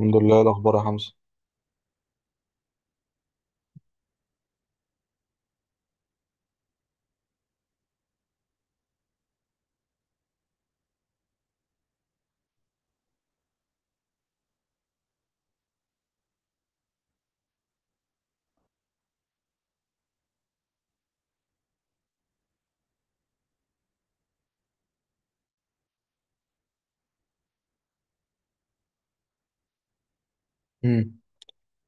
الحمد لله. إيه الأخبار يا حمزة؟ امم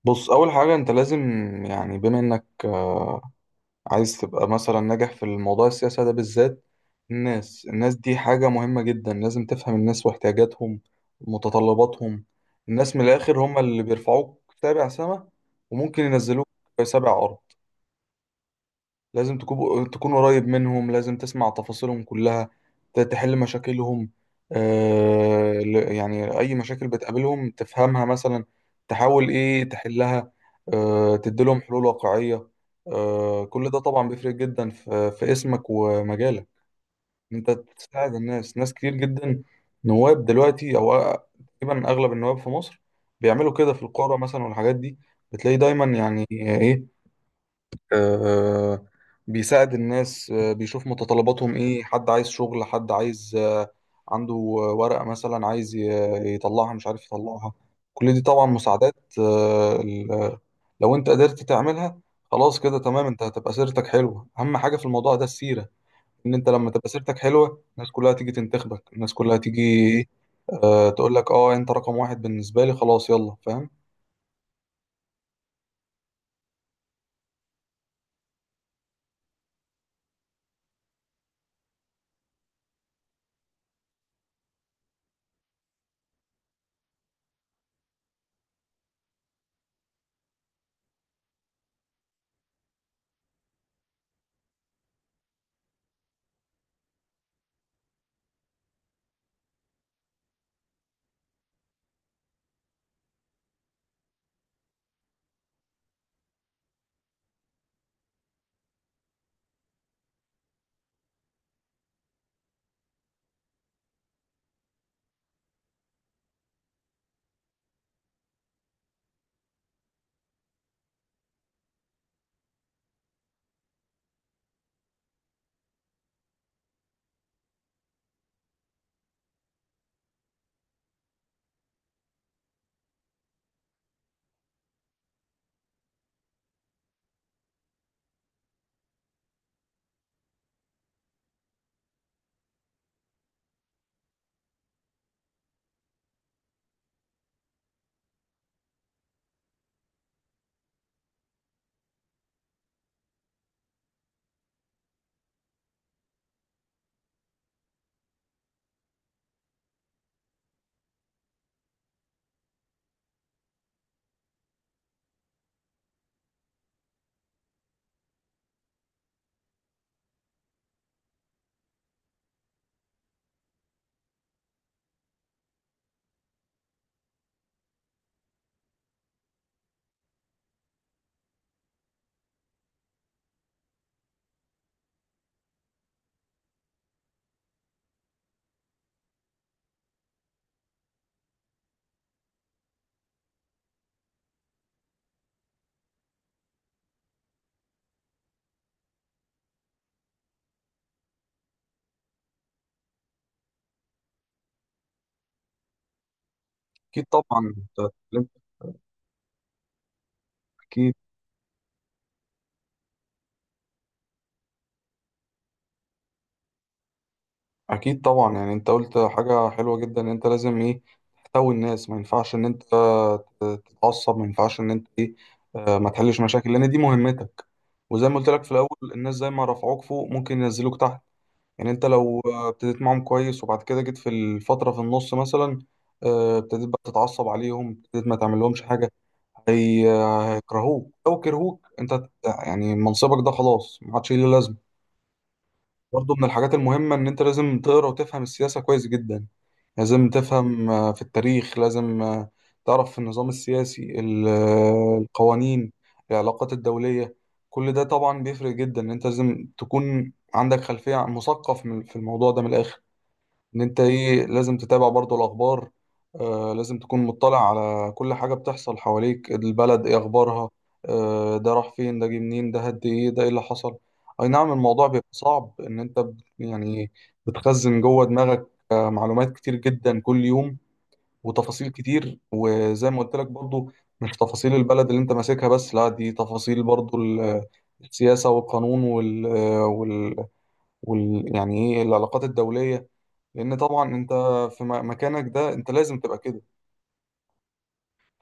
بص، أول حاجة أنت لازم، يعني بما إنك عايز تبقى مثلا ناجح في الموضوع السياسة ده بالذات. الناس دي حاجة مهمة جدا، لازم تفهم الناس واحتياجاتهم ومتطلباتهم. الناس من الآخر هم اللي بيرفعوك سابع سما، وممكن ينزلوك في سابع أرض. لازم تكون قريب منهم، لازم تسمع تفاصيلهم كلها، تحل مشاكلهم. يعني أي مشاكل بتقابلهم تفهمها، مثلا تحاول إيه تحلها. تديلهم حلول واقعية. كل ده طبعا بيفرق جدا في اسمك ومجالك. أنت تساعد الناس، ناس كتير جدا. نواب دلوقتي تقريبا أغلب النواب في مصر بيعملوا كده في القرى مثلا والحاجات دي. بتلاقي دايما يعني إيه، آه، بيساعد الناس، بيشوف متطلباتهم ايه، حد عايز شغل، حد عايز عنده ورقة مثلا عايز يطلعها، مش عارف يطلعها. كل دي طبعا مساعدات. لو انت قدرت تعملها خلاص، كده تمام، انت هتبقى سيرتك حلوة. اهم حاجة في الموضوع ده السيرة. ان انت لما تبقى سيرتك حلوة الناس كلها تيجي تنتخبك، الناس كلها تيجي ايه، تقول لك اه انت رقم واحد بالنسبة لي، خلاص، يلا، فاهم. اكيد طبعا انت اتكلمت. اكيد. اكيد طبعا، يعني انت قلت حاجه حلوه جدا، ان انت لازم ايه، تحتوي الناس. ما ينفعش ان انت تتعصب، ما ينفعش ان انت ايه، ما تحلش مشاكل لان دي مهمتك. وزي ما قلت لك في الاول، الناس زي ما رفعوك فوق ممكن ينزلوك تحت. يعني انت لو ابتديت معاهم كويس وبعد كده جيت في الفتره في النص مثلا ابتديت بقى تتعصب عليهم، ابتديت ما تعملهمش حاجه. هي- هيكرهوك، لو كرهوك انت يعني منصبك ده خلاص ما عادش ليه لازمه. برضه من الحاجات المهمة إن أنت لازم تقرأ وتفهم السياسة كويس جدا. لازم تفهم في التاريخ، لازم تعرف في النظام السياسي القوانين، العلاقات الدولية. كل ده طبعا بيفرق جدا، إن أنت لازم تكون عندك خلفية مثقف في الموضوع ده من الآخر. ان انت ايه، لازم تتابع برضو الاخبار، آه، لازم تكون مطلع على كل حاجة بتحصل حواليك، البلد ايه اخبارها، آه، ده راح فين، ده جه منين، ده هد ايه، ده ايه اللي حصل. اي نعم الموضوع بيبقى صعب، ان انت يعني بتخزن جوه دماغك آه معلومات كتير جدا كل يوم، وتفاصيل كتير. وزي ما قلت لك برضو، مش تفاصيل البلد اللي انت ماسكها بس، لا، دي تفاصيل برضو السياسة والقانون، وال... يعني ايه العلاقات الدولية. لان طبعا انت في مكانك ده انت لازم تبقى كده.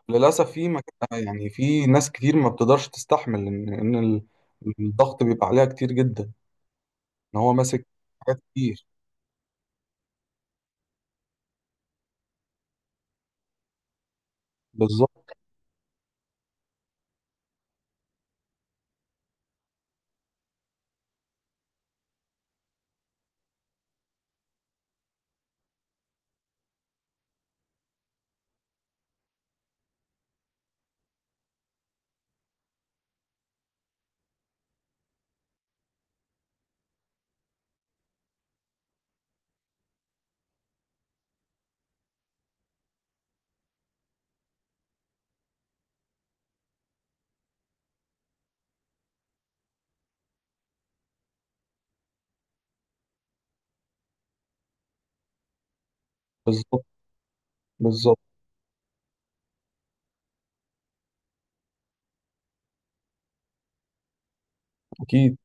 للاسف في مكان، يعني في ناس كتير ما بتقدرش تستحمل ان الضغط بيبقى عليها كتير جدا، ان هو ماسك حاجات كتير. بالظبط، بالظبط، بالظبط. اكيد،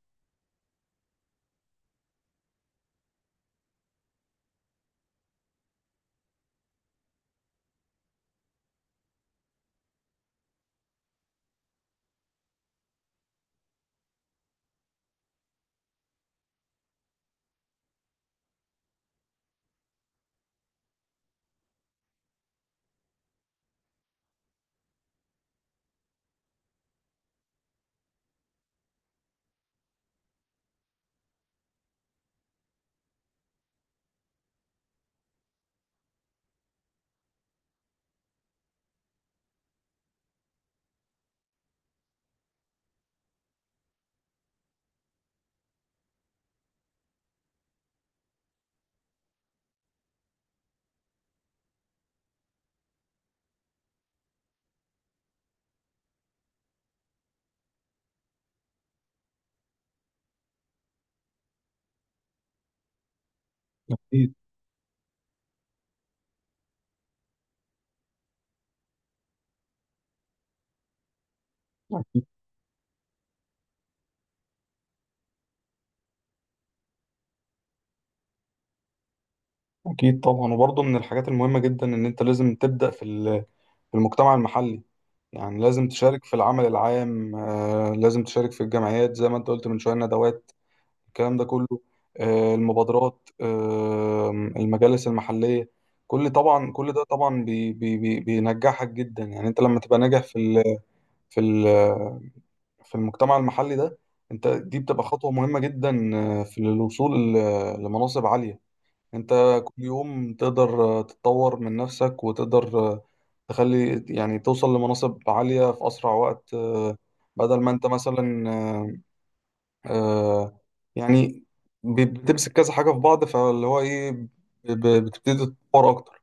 اكيد، اكيد. اكيد طبعا. وبرضه من الحاجات المهمه جدا ان انت لازم تبدا في المجتمع المحلي. يعني لازم تشارك في العمل العام، لازم تشارك في الجمعيات زي ما انت قلت من شويه، ندوات، الكلام ده كله، المبادرات، المجالس المحلية. كل طبعا كل ده طبعا بي بي بي بينجحك جدا. يعني انت لما تبقى ناجح في ال في المجتمع المحلي ده، انت دي بتبقى خطوة مهمة جدا في الوصول لمناصب عالية. انت كل يوم تقدر تتطور من نفسك، وتقدر تخلي يعني توصل لمناصب عالية في أسرع وقت. آه، بدل ما انت مثلا آه، آه يعني بتمسك كذا حاجة في بعض، فاللي هو إيه بتبتدي تتطور أكتر.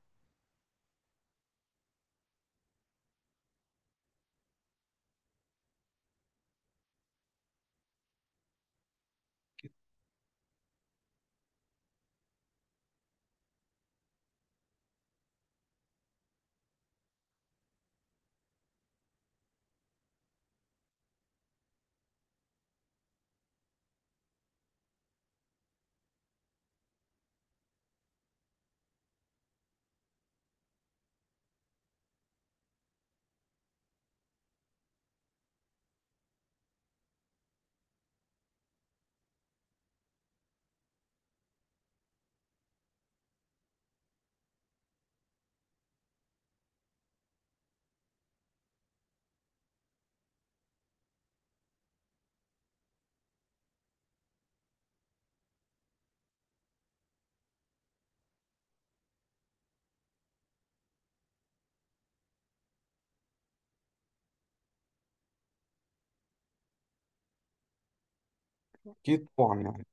أكيد طبعا، يعني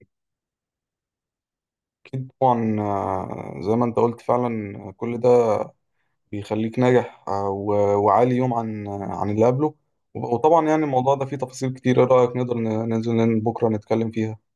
أكيد طبعا، زي ما أنت قلت فعلا، كل ده بيخليك ناجح وعالي يوم عن عن اللي قبله. وطبعا يعني الموضوع ده فيه تفاصيل كتير، إيه رأيك نقدر ننزل بكرة نتكلم فيها؟